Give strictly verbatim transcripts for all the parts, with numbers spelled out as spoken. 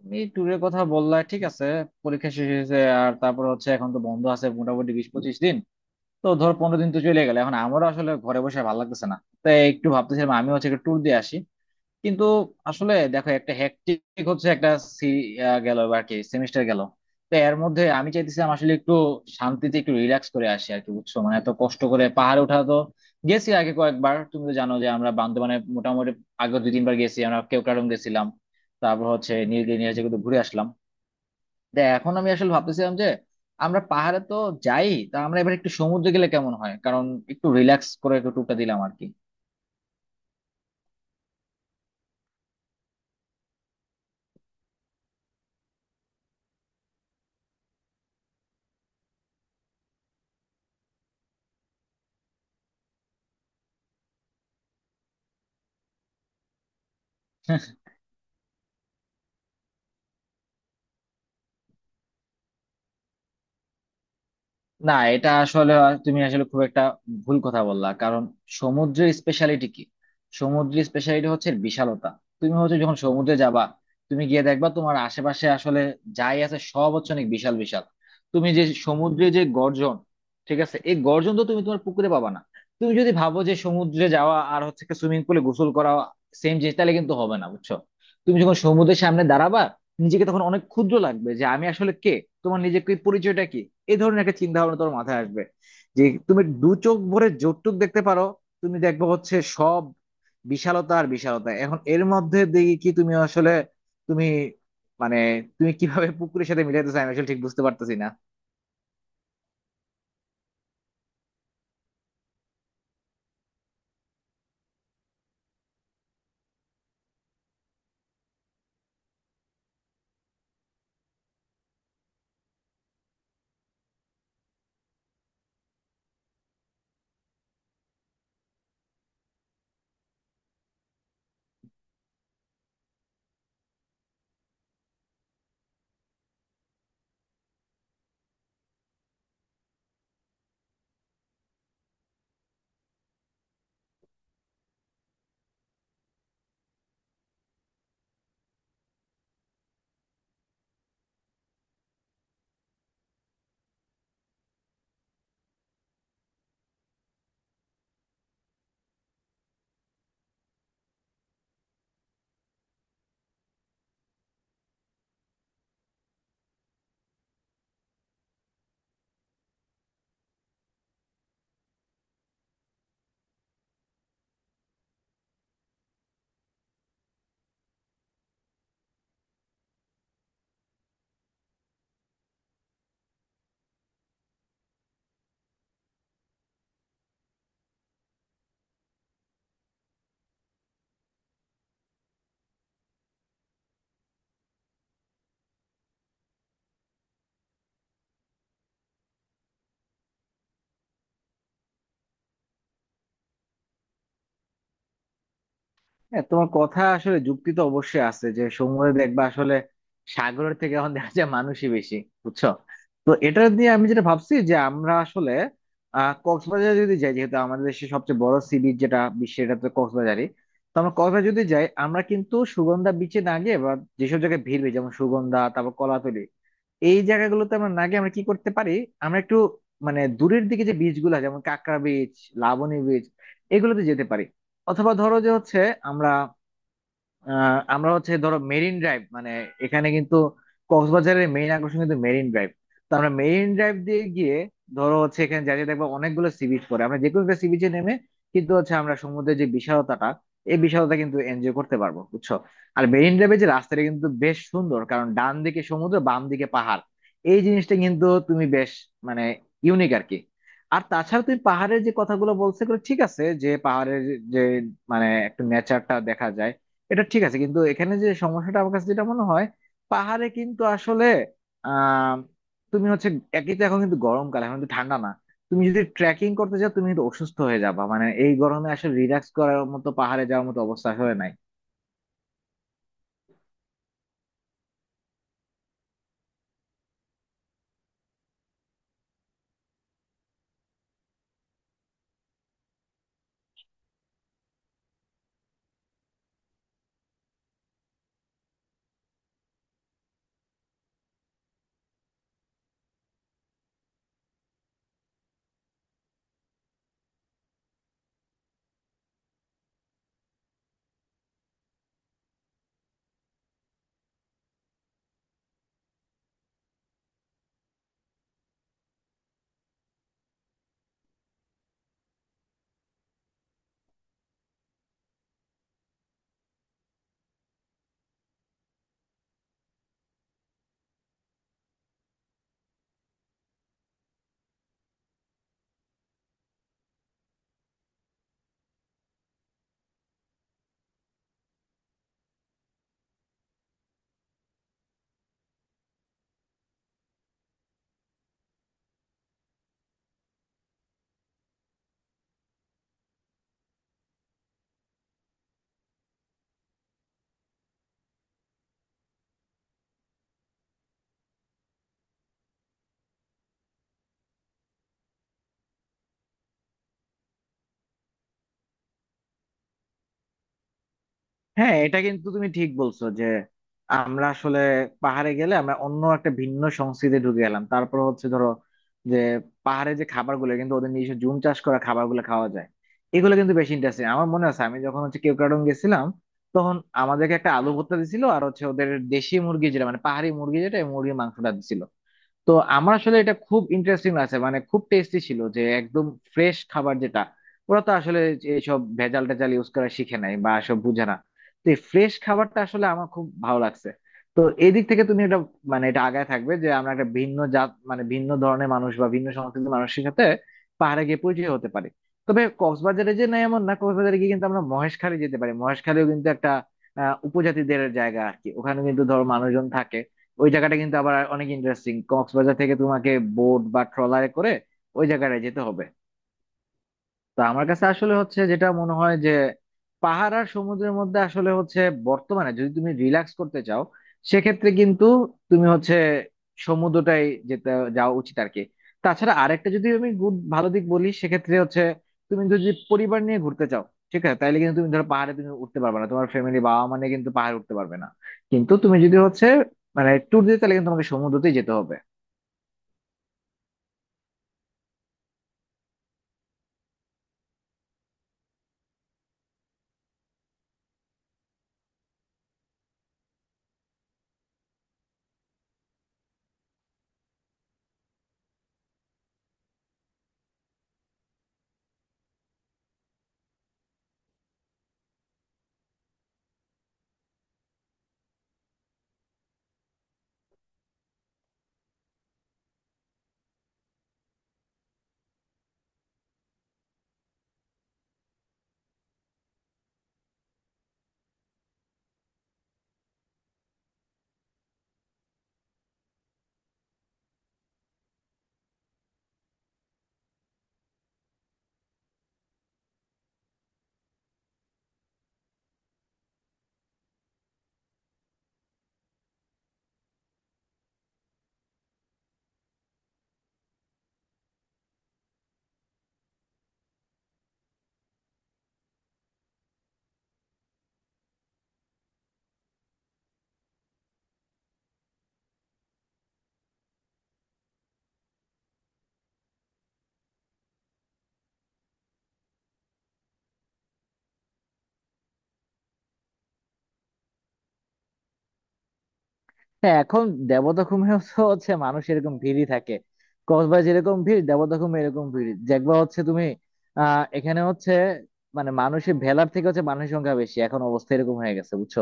তুমি ট্যুরের কথা বললা, ঠিক আছে। পরীক্ষা শেষ হয়েছে, আর তারপর হচ্ছে এখন তো বন্ধ আছে মোটামুটি বিশ পঁচিশ দিন। তো ধর পনেরো দিন তো চলে গেল, এখন আমারও আসলে ঘরে বসে ভালো লাগতেছে না। তাই একটু ভাবতেছিলাম আমি হচ্ছে একটা ট্যুর দিয়ে আসি। কিন্তু আসলে দেখো, একটা হ্যাকটিক হচ্ছে, একটা সি গেল বা আর কি সেমিস্টার গেল। তো এর মধ্যে আমি চাইতেছিলাম আসলে একটু শান্তিতে একটু রিল্যাক্স করে আসি আর কি, বুঝছো। মানে এত কষ্ট করে পাহাড়ে ওঠা, তো গেছি আগে কয়েকবার, তুমি তো জানো যে আমরা বান্দরবানে মোটামুটি আগে দুই তিনবার গেছি। আমরা কেওক্রাডং গেছিলাম, তারপর হচ্ছে নীলগিরি নীলাচল কিন্তু ঘুরে আসলাম। তো এখন আমি আসলে ভাবতেছিলাম যে আমরা পাহাড়ে তো যাই, তা আমরা এবার একটু সমুদ্রে গেলে কেমন হয়, কারণ একটু রিল্যাক্স করে একটু টুকটা দিলাম আর কি। না এটা আসলে তুমি আসলে খুব একটা ভুল কথা বললা, কারণ সমুদ্রের স্পেশালিটি কি? সমুদ্রের স্পেশালিটি হচ্ছে বিশালতা। তুমি হচ্ছে যখন সমুদ্রে যাবা, তুমি গিয়ে দেখবা তোমার আশেপাশে আসলে যাই আছে সব হচ্ছে অনেক বিশাল বিশাল। তুমি যে সমুদ্রে যে গর্জন, ঠিক আছে, এই গর্জন তো তুমি তোমার পুকুরে পাবা না। তুমি যদি ভাবো যে সমুদ্রে যাওয়া আর হচ্ছে সুইমিং পুলে গোসল করা সেম জিনিস, তাহলে কিন্তু হবে না বুঝছো। তুমি যখন সমুদ্রের সামনে দাঁড়াবা, নিজেকে তখন অনেক ক্ষুদ্র লাগবে, যে আমি আসলে কে, তোমার নিজেকে পরিচয়টা কি, এই ধরনের একটা চিন্তা ভাবনা তোমার মাথায় আসবে। যে তুমি দু চোখ ভরে যতটুক দেখতে পারো, তুমি দেখবে হচ্ছে সব বিশালতা আর বিশালতা। এখন এর মধ্যে দেখি কি, তুমি আসলে তুমি মানে তুমি কিভাবে পুকুরের সাথে মিলাইতেছো আমি আসলে ঠিক বুঝতে পারতেছি না। হ্যাঁ, তোমার কথা আসলে, যুক্তি তো অবশ্যই আছে যে সমুদ্রে দেখবা আসলে সাগরের থেকে এখন দেখা যায় মানুষই বেশি, বুঝছো। তো এটা দিয়ে আমি যেটা ভাবছি যে আমরা আসলে আহ কক্সবাজার যদি যাই, যেহেতু আমাদের দেশের সবচেয়ে বড় সি বিচ, যেটা বিশ্বের, এটা তো কক্সবাজারই। তো আমরা কক্সবাজার যদি যাই, আমরা কিন্তু সুগন্ধা বিচে না গিয়ে, বা যেসব জায়গায় ভিড় হয়, যেমন সুগন্ধা, তারপর কলাতলি, এই জায়গাগুলোতে আমরা না গিয়ে আমরা কি করতে পারি, আমরা একটু মানে দূরের দিকে যে বিচ গুলো, যেমন কাঁকড়া বিচ, লাবণী বিচ, এগুলোতে যেতে পারি। অথবা ধরো যে হচ্ছে আমরা আহ আমরা হচ্ছে ধরো মেরিন ড্রাইভ, মানে এখানে কিন্তু কক্সবাজারের মেইন আকর্ষণ কিন্তু মেরিন ড্রাইভ। তো আমরা মেরিন ড্রাইভ দিয়ে গিয়ে, ধরো হচ্ছে এখানে যাতে দেখবো অনেকগুলো সি বিচ পড়ে, আমরা যে কোনো একটা সি বিচে নেমে কিন্তু হচ্ছে আমরা সমুদ্রের যে বিশালতাটা, এই বিশালতা কিন্তু এনজয় করতে পারবো, বুঝছো। আর মেরিন ড্রাইভের যে রাস্তাটা কিন্তু বেশ সুন্দর, কারণ ডান দিকে সমুদ্র বাম দিকে পাহাড়। এই জিনিসটা কিন্তু তুমি বেশ মানে ইউনিক আর কি। আর তাছাড়া তুমি পাহাড়ের যে কথাগুলো বলছো এগুলো ঠিক আছে, যে পাহাড়ের যে মানে একটু নেচারটা দেখা যায়, এটা ঠিক আছে। কিন্তু এখানে যে সমস্যাটা আমার কাছে যেটা মনে হয়, পাহাড়ে কিন্তু আসলে আহ তুমি হচ্ছে একই তো, এখন কিন্তু গরমকাল, এখন কিন্তু ঠান্ডা না। তুমি যদি ট্রেকিং করতে যাও, তুমি কিন্তু অসুস্থ হয়ে যাবা, মানে এই গরমে আসলে রিল্যাক্স করার মতো পাহাড়ে যাওয়ার মতো অবস্থা হয়ে নাই। হ্যাঁ, এটা কিন্তু তুমি ঠিক বলছো, যে আমরা আসলে পাহাড়ে গেলে আমরা অন্য একটা ভিন্ন সংস্কৃতি ঢুকে গেলাম। তারপর হচ্ছে ধরো যে, পাহাড়ে যে খাবারগুলো কিন্তু ওদের নিজস্ব জুম চাষ করা খাবারগুলো খাওয়া যায়, এগুলো কিন্তু বেশি ইন্টারেস্টিং। আমার মনে আছে আমি যখন হচ্ছে কেওক্রাডং গেছিলাম তখন আমাদেরকে একটা আলু ভর্তা দিছিল, আর হচ্ছে ওদের দেশি মুরগি, যেটা মানে পাহাড়ি মুরগি, যেটা এই মুরগির মাংসটা দিছিল। তো আমার আসলে এটা খুব ইন্টারেস্টিং আছে, মানে খুব টেস্টি ছিল, যে একদম ফ্রেশ খাবার, যেটা ওরা তো আসলে এইসব ভেজাল টেজাল ইউজ করা শিখে নাই বা সব বুঝে না। তো এই ফ্রেশ খাবারটা আসলে আমার খুব ভালো লাগছে। তো এই দিক থেকে তুমি এটা মানে এটা আগায় থাকবে, যে আমরা একটা ভিন্ন জাত মানে ভিন্ন ধরনের মানুষ বা ভিন্ন সংস্কৃতির মানুষের সাথে পাহাড়ে গিয়ে পরিচয় হতে পারি। তবে কক্সবাজারে যে নাই এমন না, কক্সবাজারে গিয়ে কিন্তু আমরা মহেশখালী যেতে পারি। মহেশখালীও কিন্তু একটা আহ উপজাতিদের জায়গা আর কি, ওখানে কিন্তু ধরো মানুষজন থাকে। ওই জায়গাটা কিন্তু আবার অনেক ইন্টারেস্টিং। কক্সবাজার থেকে তোমাকে বোট বা ট্রলারে করে ওই জায়গাটায় যেতে হবে। তো আমার কাছে আসলে হচ্ছে যেটা মনে হয় যে, পাহাড় আর সমুদ্রের মধ্যে আসলে হচ্ছে, বর্তমানে যদি তুমি রিল্যাক্স করতে চাও, সেক্ষেত্রে কিন্তু তুমি হচ্ছে সমুদ্রটাই যেতে যাওয়া উচিত আর কি। তাছাড়া আরেকটা যদি আমি গুড ভালো দিক বলি, সেক্ষেত্রে হচ্ছে তুমি যদি পরিবার নিয়ে ঘুরতে চাও, ঠিক আছে, তাহলে কিন্তু তুমি ধরো পাহাড়ে তুমি উঠতে পারবে না, তোমার ফ্যামিলি বাবা মানে কিন্তু পাহাড়ে উঠতে পারবে না। কিন্তু তুমি যদি হচ্ছে মানে ট্যুর দিতে, তাহলে কিন্তু তোমাকে সমুদ্রতেই যেতে হবে। হ্যাঁ, এখন দেবদখমেও তো হচ্ছে মানুষ এরকম ভিড়ই থাকে। কক্সবাজার যেরকম ভিড়, দেবদখমে এরকম ভিড় দেখবা হচ্ছে তুমি। আহ এখানে হচ্ছে মানে মানুষের ভেলার থেকে হচ্ছে মানুষের সংখ্যা বেশি, এখন অবস্থা এরকম হয়ে গেছে, বুঝছো।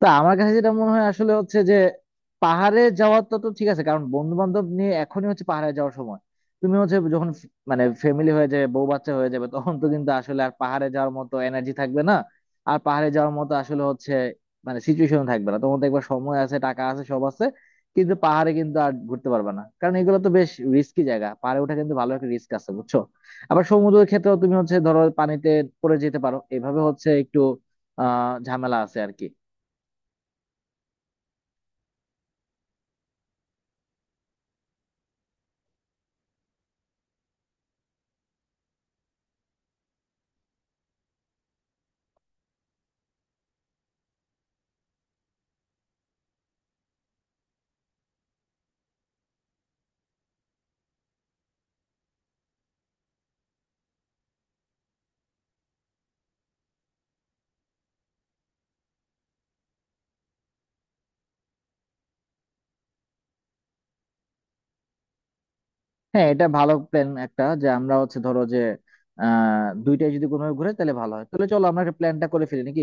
তো আমার কাছে যেটা মনে হয় আসলে হচ্ছে যে, পাহাড়ে যাওয়ার তো তো ঠিক আছে, কারণ বন্ধু বান্ধব নিয়ে এখনই হচ্ছে পাহাড়ে যাওয়ার সময়। তুমি হচ্ছে যখন ফ- মানে ফ্যামিলি হয়ে যাবে, বউ বাচ্চা হয়ে যাবে, তখন তো কিন্তু আসলে আর পাহাড়ে যাওয়ার মতো এনার্জি থাকবে না। আর পাহাড়ে যাওয়ার মতো আসলে হচ্ছে মানে সিচুয়েশন থাকবে না তোমার। দেখবা সময় আছে, টাকা আছে, সব আছে, কিন্তু পাহাড়ে কিন্তু আর ঘুরতে পারবে না, কারণ এগুলো তো বেশ রিস্কি জায়গা। পাহাড়ে ওঠা কিন্তু ভালো একটা রিস্ক আছে, বুঝছো। আবার সমুদ্রের ক্ষেত্রেও তুমি হচ্ছে ধরো পানিতে পড়ে যেতে পারো, এভাবে হচ্ছে একটু আহ ঝামেলা আছে আর কি। হ্যাঁ, এটা ভালো প্ল্যান একটা, যে আমরা হচ্ছে ধরো যে আহ দুইটাই যদি কোনোভাবে ঘুরে তাহলে ভালো হয়। তাহলে চলো আমরা একটা প্ল্যানটা করে ফেলি নাকি।